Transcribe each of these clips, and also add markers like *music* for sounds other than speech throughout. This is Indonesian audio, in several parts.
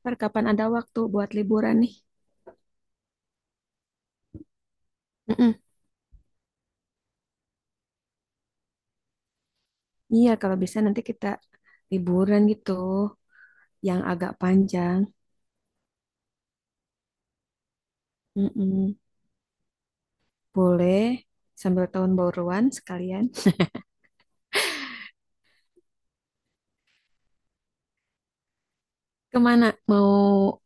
Ntar kapan ada waktu buat liburan nih? Mm-mm. Iya, kalau bisa nanti kita liburan gitu, yang agak panjang. Mm-mm. Boleh, sambil tahun baruan sekalian. Kemana? Mau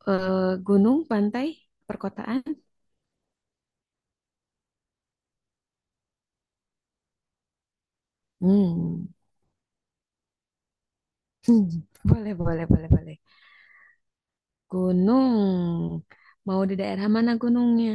eh, gunung, pantai, perkotaan? Hmm. *laughs* Hmm. Boleh, boleh, boleh, boleh. Gunung. Mau di daerah mana gunungnya?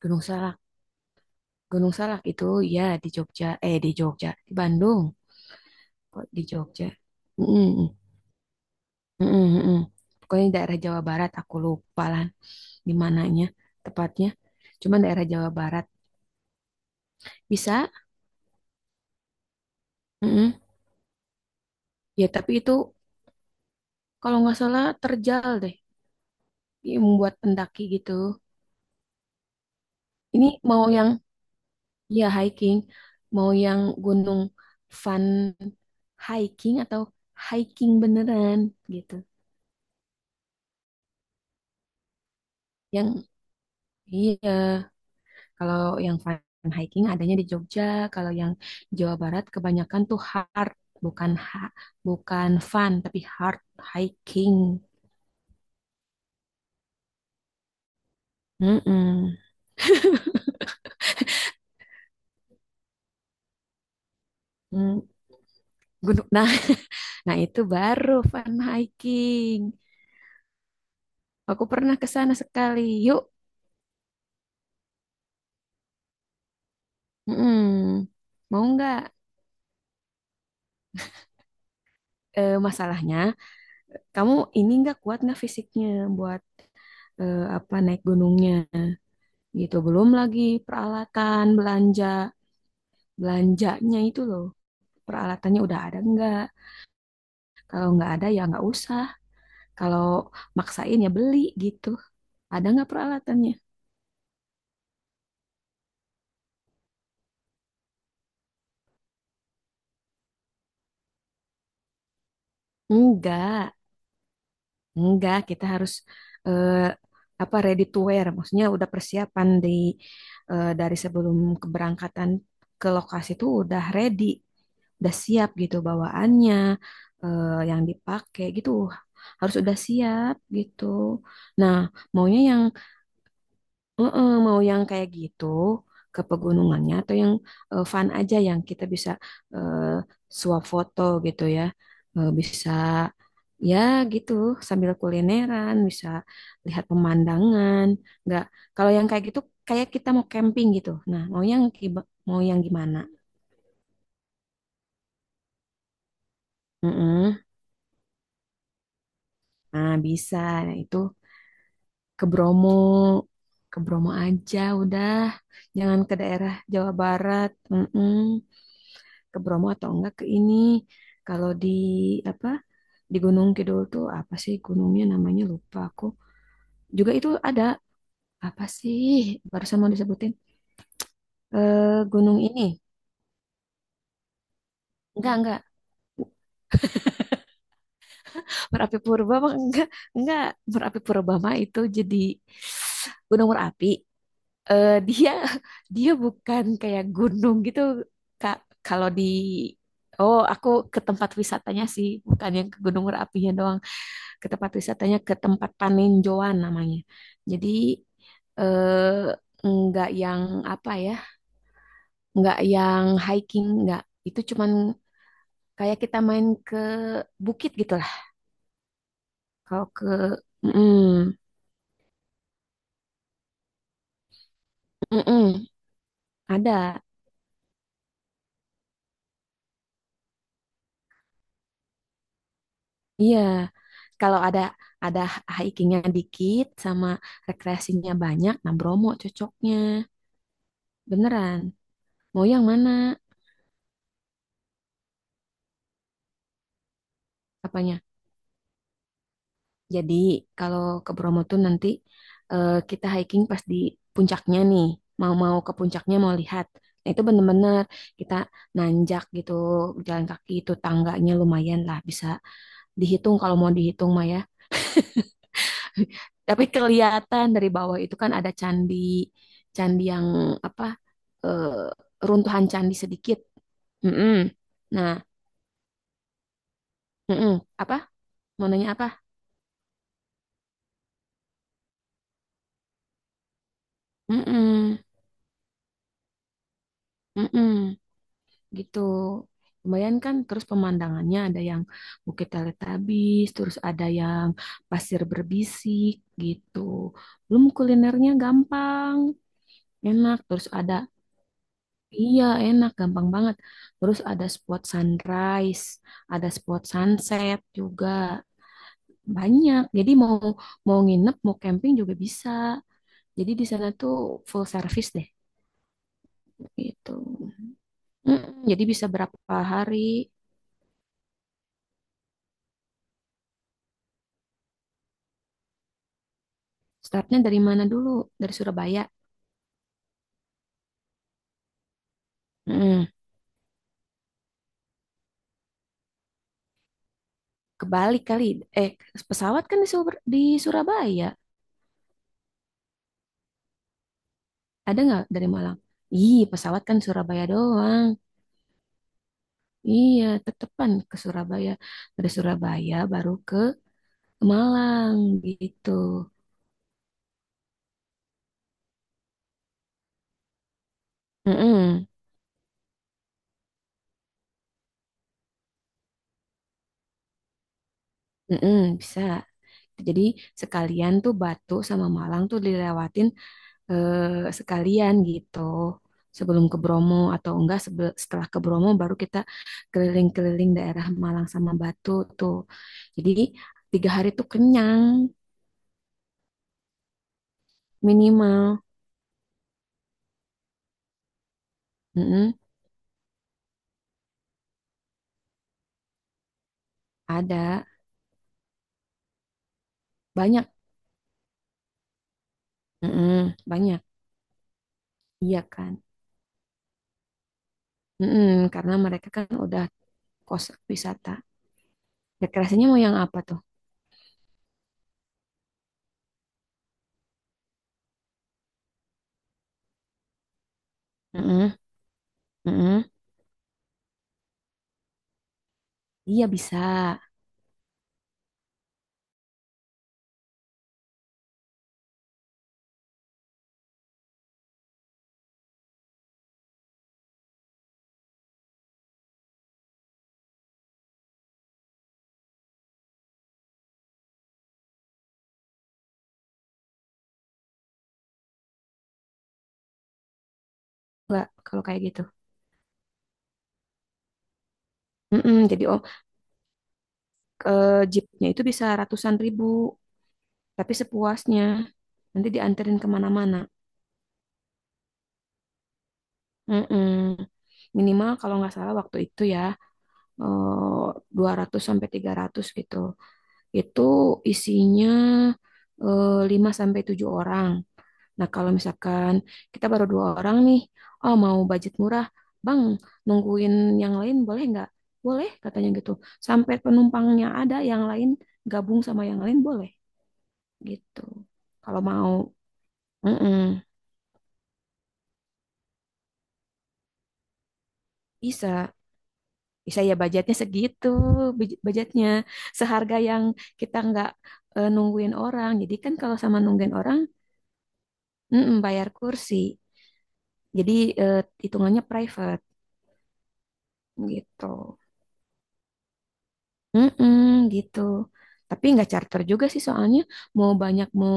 Gunung Salak. Gunung Salak itu ya di Jogja. Eh, di Jogja. Di Bandung. Kok di Jogja? Mm-mm. Mm-mm, mm-mm. Pokoknya daerah Jawa Barat, aku lupa lah di mananya tepatnya. Cuman daerah Jawa Barat bisa. Mm-mm. Ya, tapi itu kalau nggak salah terjal deh, dia membuat pendaki gitu. Ini mau yang ya hiking, mau yang gunung fun hiking atau hiking beneran gitu. Yang iya, kalau yang fun hiking adanya di Jogja, kalau yang Jawa Barat kebanyakan tuh hard, bukan ha, bukan fun tapi hard hiking. Mm-mm. Mm, gunung. Nah, *laughs* nah itu baru fun hiking. Aku pernah ke sana sekali. Yuk, mm-mm. Mau nggak? Masalahnya, kamu ini nggak kuat nggak fisiknya buat apa naik gunungnya gitu. Belum lagi peralatan belanjanya itu loh. Peralatannya udah ada nggak, kalau nggak ada ya nggak usah, kalau maksain ya beli gitu. Ada nggak peralatannya? enggak enggak, kita harus eh, apa, ready to wear, maksudnya udah persiapan di dari sebelum keberangkatan ke lokasi itu udah ready, udah siap gitu bawaannya, yang dipakai gitu, harus udah siap gitu. Nah maunya yang heeh, mau yang kayak gitu ke pegunungannya atau yang fun aja yang kita bisa eh, suap foto gitu ya. Bisa ya gitu, sambil kulineran, bisa lihat pemandangan. Nggak, kalau yang kayak gitu kayak kita mau camping gitu. Nah, mau yang mau yang gimana? Heeh. Nah, bisa. Nah, itu ke Bromo. Ke Bromo aja udah. Jangan ke daerah Jawa Barat. Heeh. Ke Bromo atau enggak ke ini. Kalau di apa di Gunung Kidul tuh apa sih gunungnya namanya lupa aku. Juga itu ada apa sih barusan mau disebutin gunung ini. Enggak, enggak. Merapi Purba mah enggak, enggak. Merapi Purba mah itu jadi gunung berapi. Eh dia dia bukan kayak gunung gitu. Kak, kalau di, oh, aku ke tempat wisatanya sih, bukan yang ke Gunung Merapinya doang. Ke tempat wisatanya, ke tempat paninjauan namanya. Jadi nggak yang apa ya, nggak yang hiking, nggak. Itu cuman kayak kita main ke bukit gitu lah. Kalau ke, mm, mm, ada, iya. Kalau ada hikingnya dikit sama rekreasinya banyak, nah Bromo cocoknya. Beneran. Mau yang mana? Apanya? Jadi kalau ke Bromo tuh nanti kita hiking pas di puncaknya nih. Mau-mau ke puncaknya, mau lihat. Nah, itu bener-bener kita nanjak gitu, jalan kaki itu tangganya lumayan lah, bisa dihitung kalau mau dihitung mah ya. *laughs* Tapi kelihatan dari bawah itu kan ada candi, candi yang apa, eh, runtuhan candi sedikit. Mm-mm. Nah, mm-mm. Apa? Mau nanya apa? Mm-mm. Mm-mm. Gitu. Lumayan kan, terus pemandangannya ada yang Bukit Teletabis, terus ada yang pasir berbisik gitu. Belum kulinernya gampang, enak. Terus ada iya enak, gampang banget. Terus ada spot sunrise, ada spot sunset juga banyak. Jadi mau mau nginep, mau camping juga bisa. Jadi di sana tuh full service deh gitu. Jadi bisa berapa hari? Startnya dari mana dulu? Dari Surabaya. Hmm, Kebalik kali. Eh, Pesawat kan di Surabaya. Ada nggak dari Malang? Ih, pesawat kan Surabaya doang. Iya, tetepan ke Surabaya. Dari Surabaya baru ke Malang gitu. Mm-mm, mm-mm, bisa. Jadi sekalian tuh Batu sama Malang tuh dilewatin eh, sekalian gitu sebelum ke Bromo atau enggak setelah ke Bromo baru kita keliling-keliling daerah Malang sama Batu tuh, jadi 3 hari tuh kenyang minimal. Mm-mm, ada banyak. Mm-mm, banyak. Iya kan. Mm-mm, karena mereka kan udah kos wisata, rekreasinya mau yang apa tuh. Mm-mm, mm-mm. Iya bisa enggak kalau kayak gitu. Mm-mm, jadi om ke jeepnya itu bisa ratusan ribu, tapi sepuasnya nanti dianterin kemana-mana. Mm-mm. Minimal kalau nggak salah waktu itu ya, eh, 200 sampai 300 gitu, itu isinya 5 sampai tujuh orang. Nah kalau misalkan kita baru dua orang nih, oh mau budget murah bang, nungguin yang lain boleh nggak, boleh katanya gitu, sampai penumpangnya ada yang lain, gabung sama yang lain boleh gitu kalau mau. Mm-mm, bisa, bisa ya budgetnya segitu. Budgetnya seharga yang kita nggak nungguin orang. Jadi kan kalau sama nungguin orang, mm-mm, bayar kursi. Jadi eh, hitungannya private gitu. Mm-mm, gitu tapi nggak charter juga sih, soalnya mau banyak mau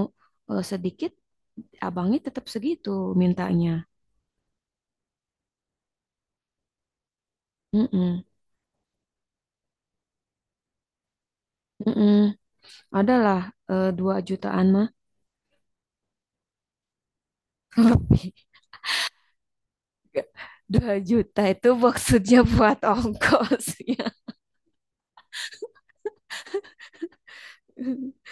sedikit, abangnya tetap segitu mintanya. Mm-mm, mm-mm. Adalah 2 jutaan mah. *laughs* Lebih. 2 juta itu maksudnya buat ongkosnya. *laughs*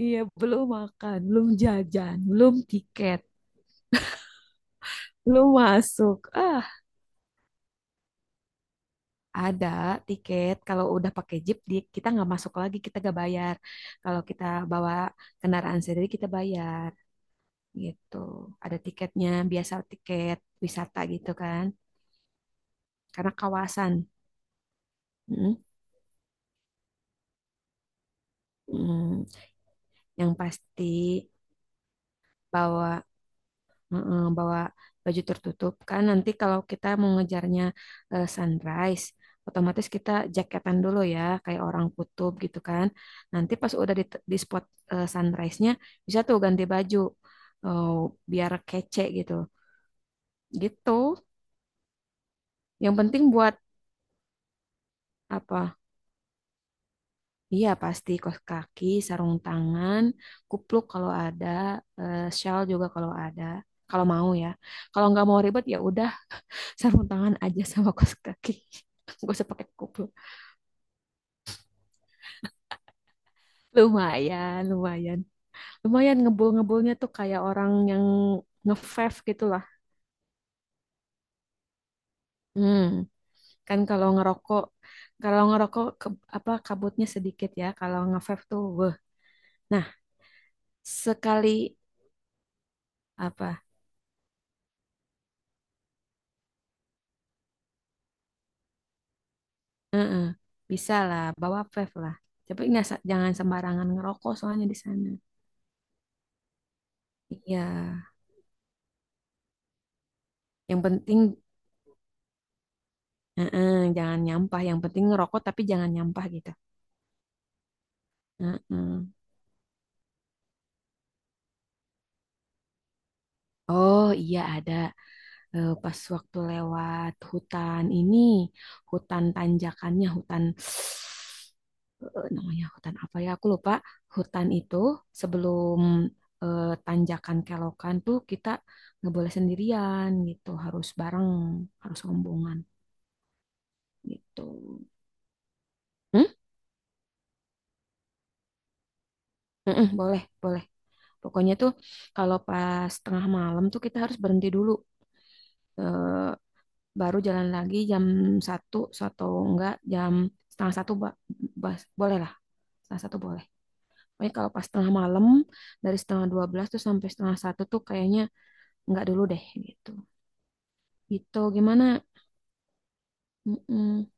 Iya, belum makan, belum jajan, belum tiket, belum masuk. Ah, ada tiket. Kalau udah pakai jeep, kita nggak masuk lagi, kita nggak bayar. Kalau kita bawa kendaraan sendiri, kita bayar. Gitu. Ada tiketnya, biasa tiket wisata gitu kan. Karena kawasan. Mm, mm. Yang pasti bawa. Heeh, bawa baju tertutup kan, nanti kalau kita mau ngejarnya sunrise otomatis kita jaketan dulu ya, kayak orang kutub gitu kan. Nanti pas udah di spot sunrise-nya, bisa tuh ganti baju eh, biar kece gitu, gitu yang penting buat apa. Iya, pasti kaos kaki, sarung tangan, kupluk kalau ada, shawl juga kalau ada, kalau mau ya. Kalau nggak mau ribet ya udah, sarung tangan aja sama kaos kaki. *laughs* Gak usah pakai kupluk. Lumayan, lumayan, lumayan ngebul, ngebulnya tuh kayak orang yang ngefave gitu lah. Hmm. Kan kalau ngerokok apa kabutnya sedikit ya. Kalau ngefave tuh wah. Nah sekali apa, eh-eh, bisa lah bawa vape lah. Tapi nggak, jangan sembarangan ngerokok soalnya di sana. Iya yang penting, eh-eh, jangan nyampah. Yang penting ngerokok tapi jangan nyampah gitu. Eh-eh. Oh iya ada. Pas waktu lewat hutan ini, hutan tanjakannya, hutan namanya hutan apa ya aku lupa, hutan itu sebelum tanjakan kelokan tuh kita nggak boleh sendirian gitu, harus bareng, harus rombongan gitu. Hmm? Mm-mm, boleh, boleh, pokoknya tuh kalau pas tengah malam tuh kita harus berhenti dulu. Eh, Baru jalan lagi jam satu atau enggak jam setengah satu, boleh lah, setengah satu boleh. Pokoknya kalau pas tengah malam dari setengah dua belas tuh sampai setengah satu tuh, kayaknya enggak dulu deh gitu, gitu gimana. Mm-mm,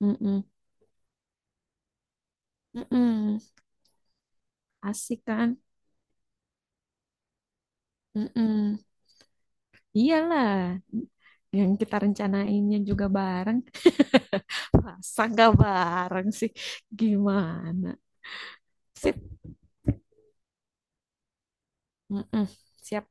mm-mm, mm-mm. Asik kan. Mm-mm. Iyalah, yang kita rencanainnya juga bareng, masa nggak bareng sih, gimana. Sip. Mm-mm. Siap.